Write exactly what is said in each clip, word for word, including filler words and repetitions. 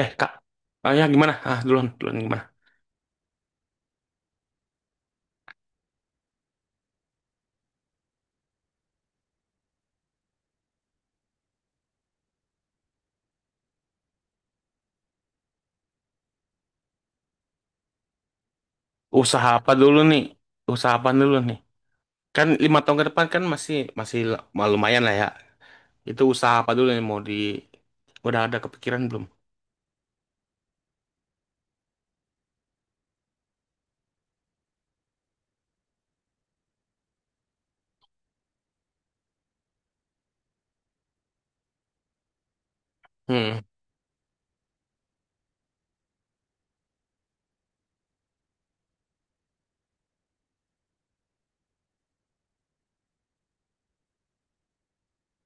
Eh kak, ah, ya gimana? Ah duluan, duluan gimana? Usaha apa dulu nih? Usaha apa dulu nih? Kan lima tahun ke depan kan masih masih l- lumayan lah ya. Itu usaha apa dulu yang mau di? Udah ada kepikiran belum? Hmm,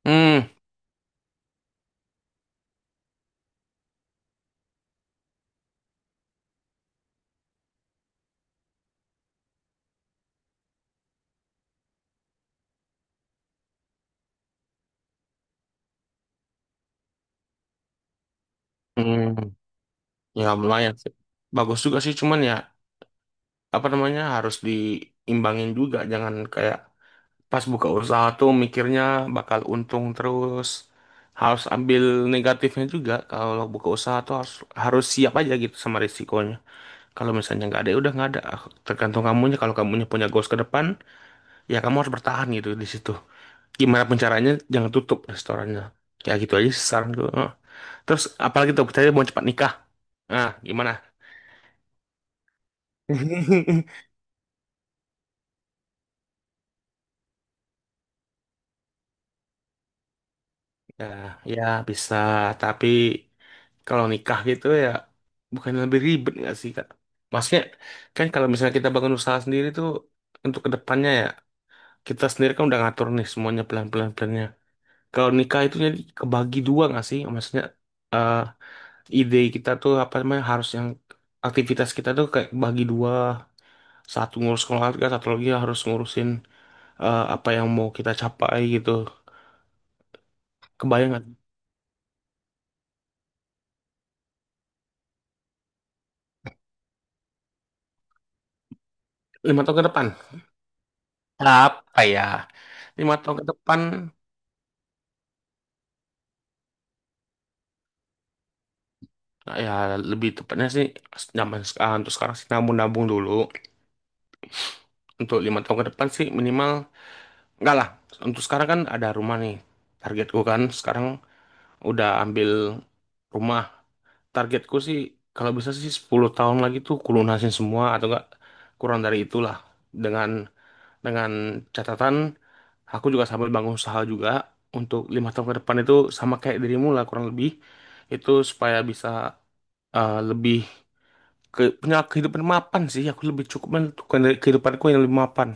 hmm, hmm. Ya lumayan sih. Bagus juga sih, cuman ya apa namanya harus diimbangin juga. Jangan kayak pas buka usaha tuh mikirnya bakal untung terus. Harus ambil negatifnya juga. Kalau buka usaha tuh harus harus siap aja gitu sama risikonya. Kalau misalnya nggak ada, ya udah nggak ada. Ah, Tergantung kamunya. Kalau kamunya punya goals ke depan, ya kamu harus bertahan gitu di situ. Gimana pun caranya, jangan tutup restorannya. Ya gitu aja sih saran gue. Heeh. Terus apalagi tuh, saya mau cepat nikah. Nah, gimana? Ya, ya bisa. Tapi kalau nikah gitu ya, bukan lebih ribet nggak sih, Kak? Maksudnya, kan kalau misalnya kita bangun usaha sendiri tuh, untuk kedepannya ya, kita sendiri kan udah ngatur nih semuanya pelan-pelan-pelannya. Kalau nikah itu jadi kebagi dua nggak sih? Maksudnya eh ide kita tuh apa namanya harus yang aktivitas kita tuh kayak bagi dua, satu ngurus keluarga, satu lagi harus ngurusin eh, apa yang mau kita capai gitu. Kebayang nggak? Lima tahun ke depan. Apa ya? Lima tahun ke depan, nah ya, lebih tepatnya sih zaman sekarang, untuk sekarang sih nabung-nabung dulu. Untuk lima tahun ke depan sih minimal enggak lah. Untuk sekarang kan ada rumah nih, targetku kan sekarang udah ambil rumah, targetku sih kalau bisa sih sepuluh tahun lagi tuh kulunasin semua atau enggak kurang dari itulah, dengan dengan catatan aku juga sambil bangun usaha juga untuk lima tahun ke depan itu sama kayak dirimu lah kurang lebih, itu supaya bisa eh, lebih ke, punya kehidupan mapan sih, aku lebih cukup menentukan dari kehidupanku yang lebih mapan.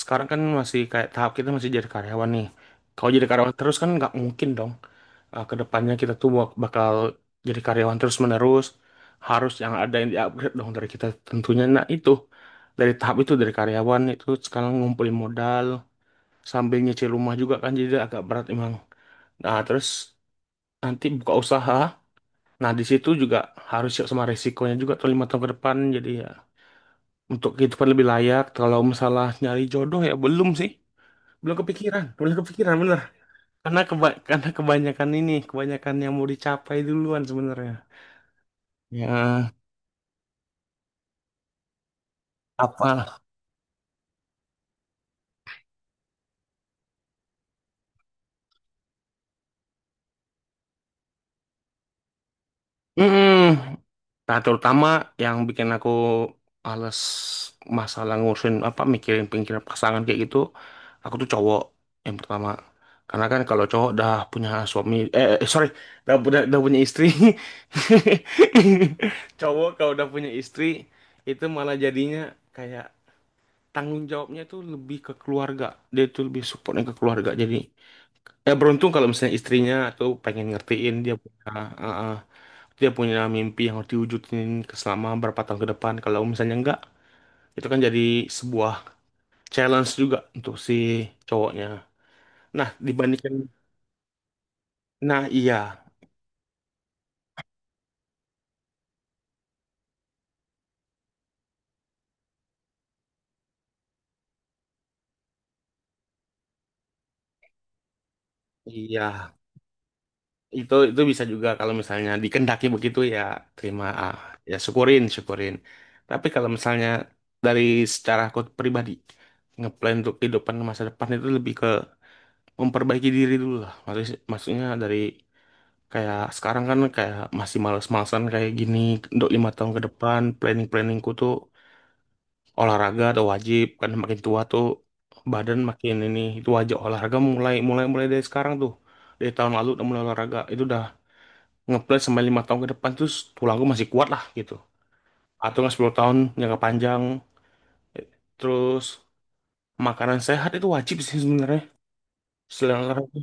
Sekarang kan masih kayak tahap kita masih jadi karyawan nih. Kalau jadi karyawan terus kan nggak mungkin dong. Eh, kedepannya kita tuh bak- bakal jadi karyawan terus menerus. Harus yang ada yang di-upgrade dong dari kita tentunya. Nah itu, dari tahap itu dari karyawan itu sekarang ngumpulin modal sambil nyicil rumah juga kan jadi agak berat emang. Nah terus nanti buka usaha. Nah di situ juga harus siap sama resikonya juga tuh lima tahun ke depan. Jadi ya, untuk kehidupan lebih layak. Kalau masalah nyari jodoh ya belum sih, belum kepikiran, belum kepikiran bener karena keba- karena kebanyakan ini kebanyakan yang mau dicapai duluan sebenarnya. Ya. Apa. Mm-mm. Nah, terutama yang bikin aku males masalah ngurusin apa, mikirin pikiran pasangan kayak gitu, aku tuh cowok yang pertama. Karena kan kalau cowok udah punya suami, eh eh, sorry, udah, udah, udah punya istri, cowok kalau udah punya istri itu malah jadinya kayak, tanggung jawabnya itu lebih ke keluarga. Dia itu lebih supportnya ke keluarga. Jadi ya beruntung kalau misalnya istrinya atau pengen ngertiin dia punya uh, uh, dia punya mimpi yang harus diwujudin ke selama berapa tahun ke depan. Kalau misalnya enggak, itu kan jadi sebuah challenge juga untuk si cowoknya. Nah, dibandingkan, nah iya, iya itu itu bisa juga kalau misalnya dikendaki begitu ya, terima ah, ya, syukurin syukurin. Tapi kalau misalnya, dari secara aku pribadi, ngeplan untuk kehidupan masa depan itu lebih ke memperbaiki diri dulu lah, maksudnya, maksudnya dari, kayak sekarang kan kayak masih males-malesan kayak gini, untuk lima tahun ke depan planning-planningku tuh olahraga. Atau wajib kan makin tua tuh badan makin ini itu, wajib olahraga mulai mulai mulai dari sekarang tuh. Dari tahun lalu udah mulai olahraga, itu udah ngeplay sampai lima tahun ke depan terus tulang gue masih kuat lah gitu, atau nggak sepuluh tahun jangka panjang. Eh, terus makanan sehat itu wajib sih sebenarnya, selera itu.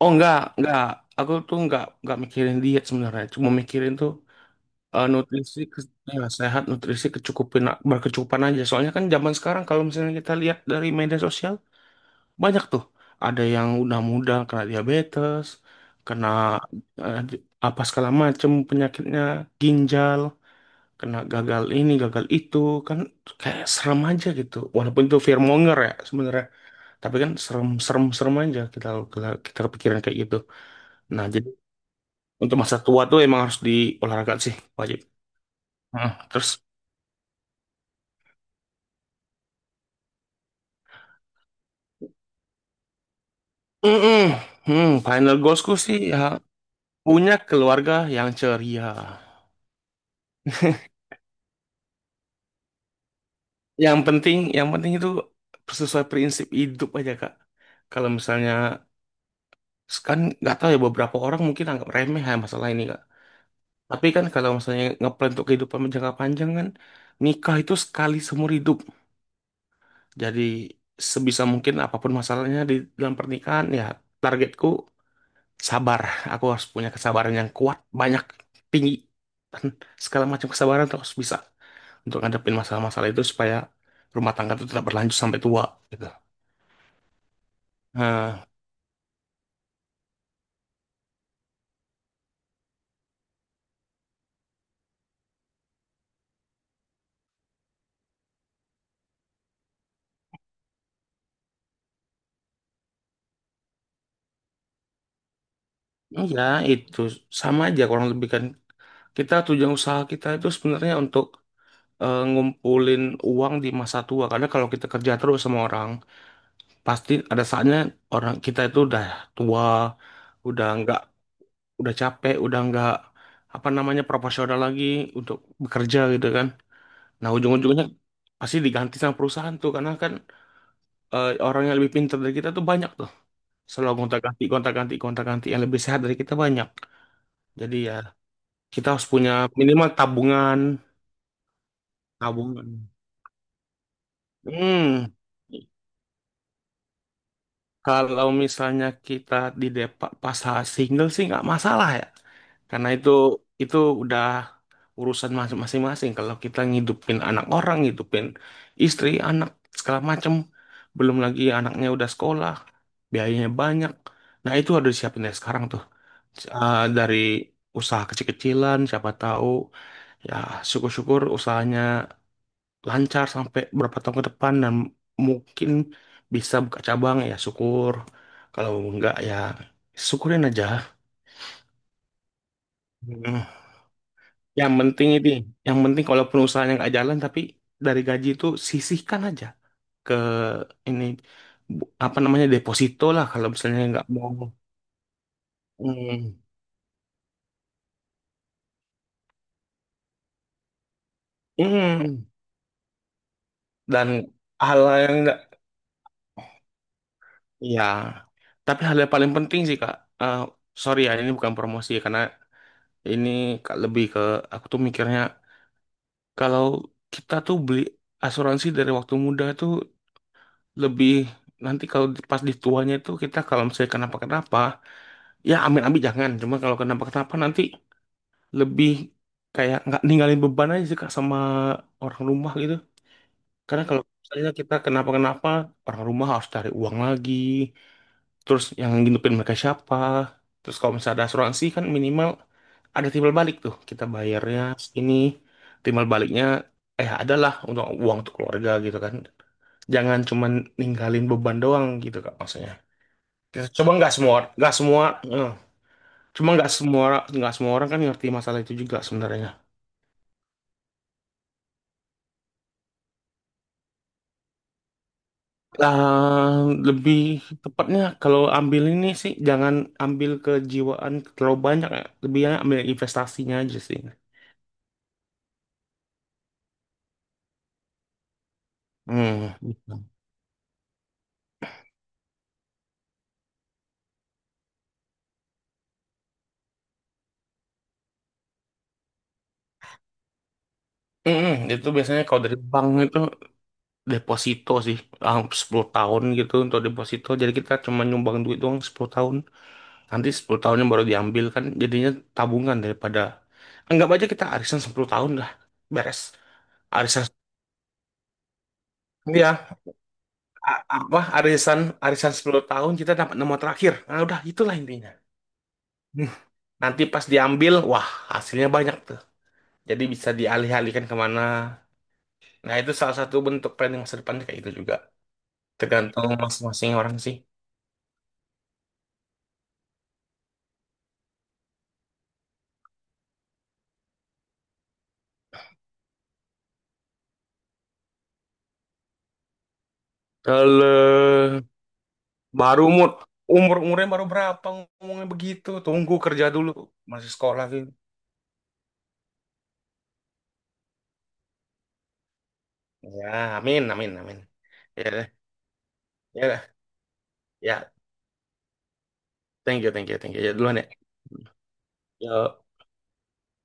oh enggak enggak, aku tuh enggak enggak mikirin diet sebenarnya, cuma mikirin tuh eh, nutrisi ke- ya, sehat, nutrisi kecukupin, berkecukupan aja. Soalnya kan zaman sekarang kalau misalnya kita lihat dari media sosial, banyak tuh ada yang udah muda kena diabetes, kena eh, apa, segala macem penyakitnya, ginjal, kena gagal ini gagal itu, kan kayak serem aja gitu walaupun itu fearmonger ya sebenarnya, tapi kan serem serem serem aja. Kita kita kepikiran kayak gitu. Nah jadi untuk masa tua tuh emang harus diolahraga sih, wajib. Heeh, terus mm-mm. Hmm, final goalsku sih, ya punya keluarga yang ceria. yang penting yang penting itu sesuai prinsip hidup aja kak. Kalau misalnya, kan nggak tahu ya, beberapa orang mungkin anggap remeh ya masalah ini. Tapi kan kalau misalnya ngeplan untuk kehidupan jangka panjang kan, nikah itu sekali seumur hidup. Jadi sebisa mungkin apapun masalahnya di dalam pernikahan ya, targetku sabar. Aku harus punya kesabaran yang kuat, banyak, tinggi, dan segala macam kesabaran, terus bisa untuk ngadepin masalah-masalah itu supaya rumah tangga itu tetap berlanjut sampai tua gitu. Nah, iya, itu sama aja kurang lebih kan, kita, tujuan usaha kita itu sebenarnya untuk eh, ngumpulin uang di masa tua. Karena kalau kita kerja terus sama orang, pasti ada saatnya orang, kita itu udah tua, udah nggak, udah capek, udah nggak apa namanya, proporsional lagi untuk bekerja gitu kan. Nah ujung-ujungnya pasti diganti sama perusahaan tuh, karena kan eh, orang yang lebih pintar dari kita tuh banyak tuh. Selalu gonta-ganti, gonta-ganti, gonta-ganti, yang lebih sehat dari kita banyak. Jadi ya, kita harus punya minimal tabungan, tabungan. Hmm. Kalau misalnya kita di Depak pas single sih nggak masalah ya, karena itu itu udah urusan mas- masing-masing. Kalau kita ngidupin anak orang, ngidupin istri, anak segala macem, belum lagi anaknya udah sekolah, biayanya banyak. Nah itu harus disiapin dari sekarang tuh, S- eh, dari usaha kecil-kecilan, siapa tahu ya syukur-syukur usahanya lancar sampai berapa tahun ke depan dan mungkin bisa buka cabang, ya syukur. Kalau enggak ya syukurin aja. Hmm. Yang penting ini, yang penting kalaupun usahanya nggak jalan, tapi dari gaji itu sisihkan aja ke ini, bu- apa namanya, deposito lah kalau misalnya nggak mau. Hmm. Hmm. Dan hal yang nggak, ya, tapi hal yang paling penting sih Kak. Eh sorry ya, ini bukan promosi ya, karena ini Kak, lebih ke, aku tuh mikirnya, kalau kita tuh beli asuransi dari waktu muda tuh lebih, nanti kalau di- pas di tuanya itu, kita kalau misalnya kenapa-kenapa, ya amin-amin jangan. Cuma kalau kenapa-kenapa nanti lebih kayak nggak ninggalin beban aja sih Kak, sama orang rumah gitu. Karena kalau misalnya kita kenapa-kenapa, orang rumah harus cari uang lagi. Terus yang ngidupin mereka siapa? Terus kalau misalnya ada asuransi kan, minimal ada timbal balik tuh, kita bayarnya ini, timbal baliknya eh adalah untuk uang untuk keluarga gitu kan. Jangan cuman ninggalin beban doang gitu kak, maksudnya, coba, nggak semua nggak semua eh, cuma nggak semua nggak semua orang kan ngerti masalah itu juga sebenarnya. Lah lebih tepatnya, kalau ambil ini sih jangan ambil kejiwaan terlalu banyak ya, lebih enak ambil investasinya aja sih. Hmm. Gitu. Mm-mm, itu biasanya kalau dari bank itu deposito sih ah, 10 tahun gitu untuk deposito, jadi kita cuma nyumbang duit doang sepuluh tahun, nanti sepuluh tahunnya baru diambil kan, jadinya tabungan. Daripada, anggap aja kita arisan sepuluh tahun dah beres. Arisan ya, a- apa, arisan arisan sepuluh tahun, kita dapat nomor terakhir, nah udah, itulah intinya. Hmm. Nanti pas diambil wah, hasilnya banyak tuh, jadi bisa dialih-alihkan kemana. Nah itu salah satu bentuk planning masa depan kayak itu juga, tergantung masing-masing orang sih. Kalau Baru umur, umur umurnya baru berapa ngomongnya begitu? Tunggu kerja dulu, masih sekolah sih. Ya, amin, amin, amin. Ya, deh, ya, deh. Ya. Thank you, thank you, thank you. Ya duluan ya. Yo.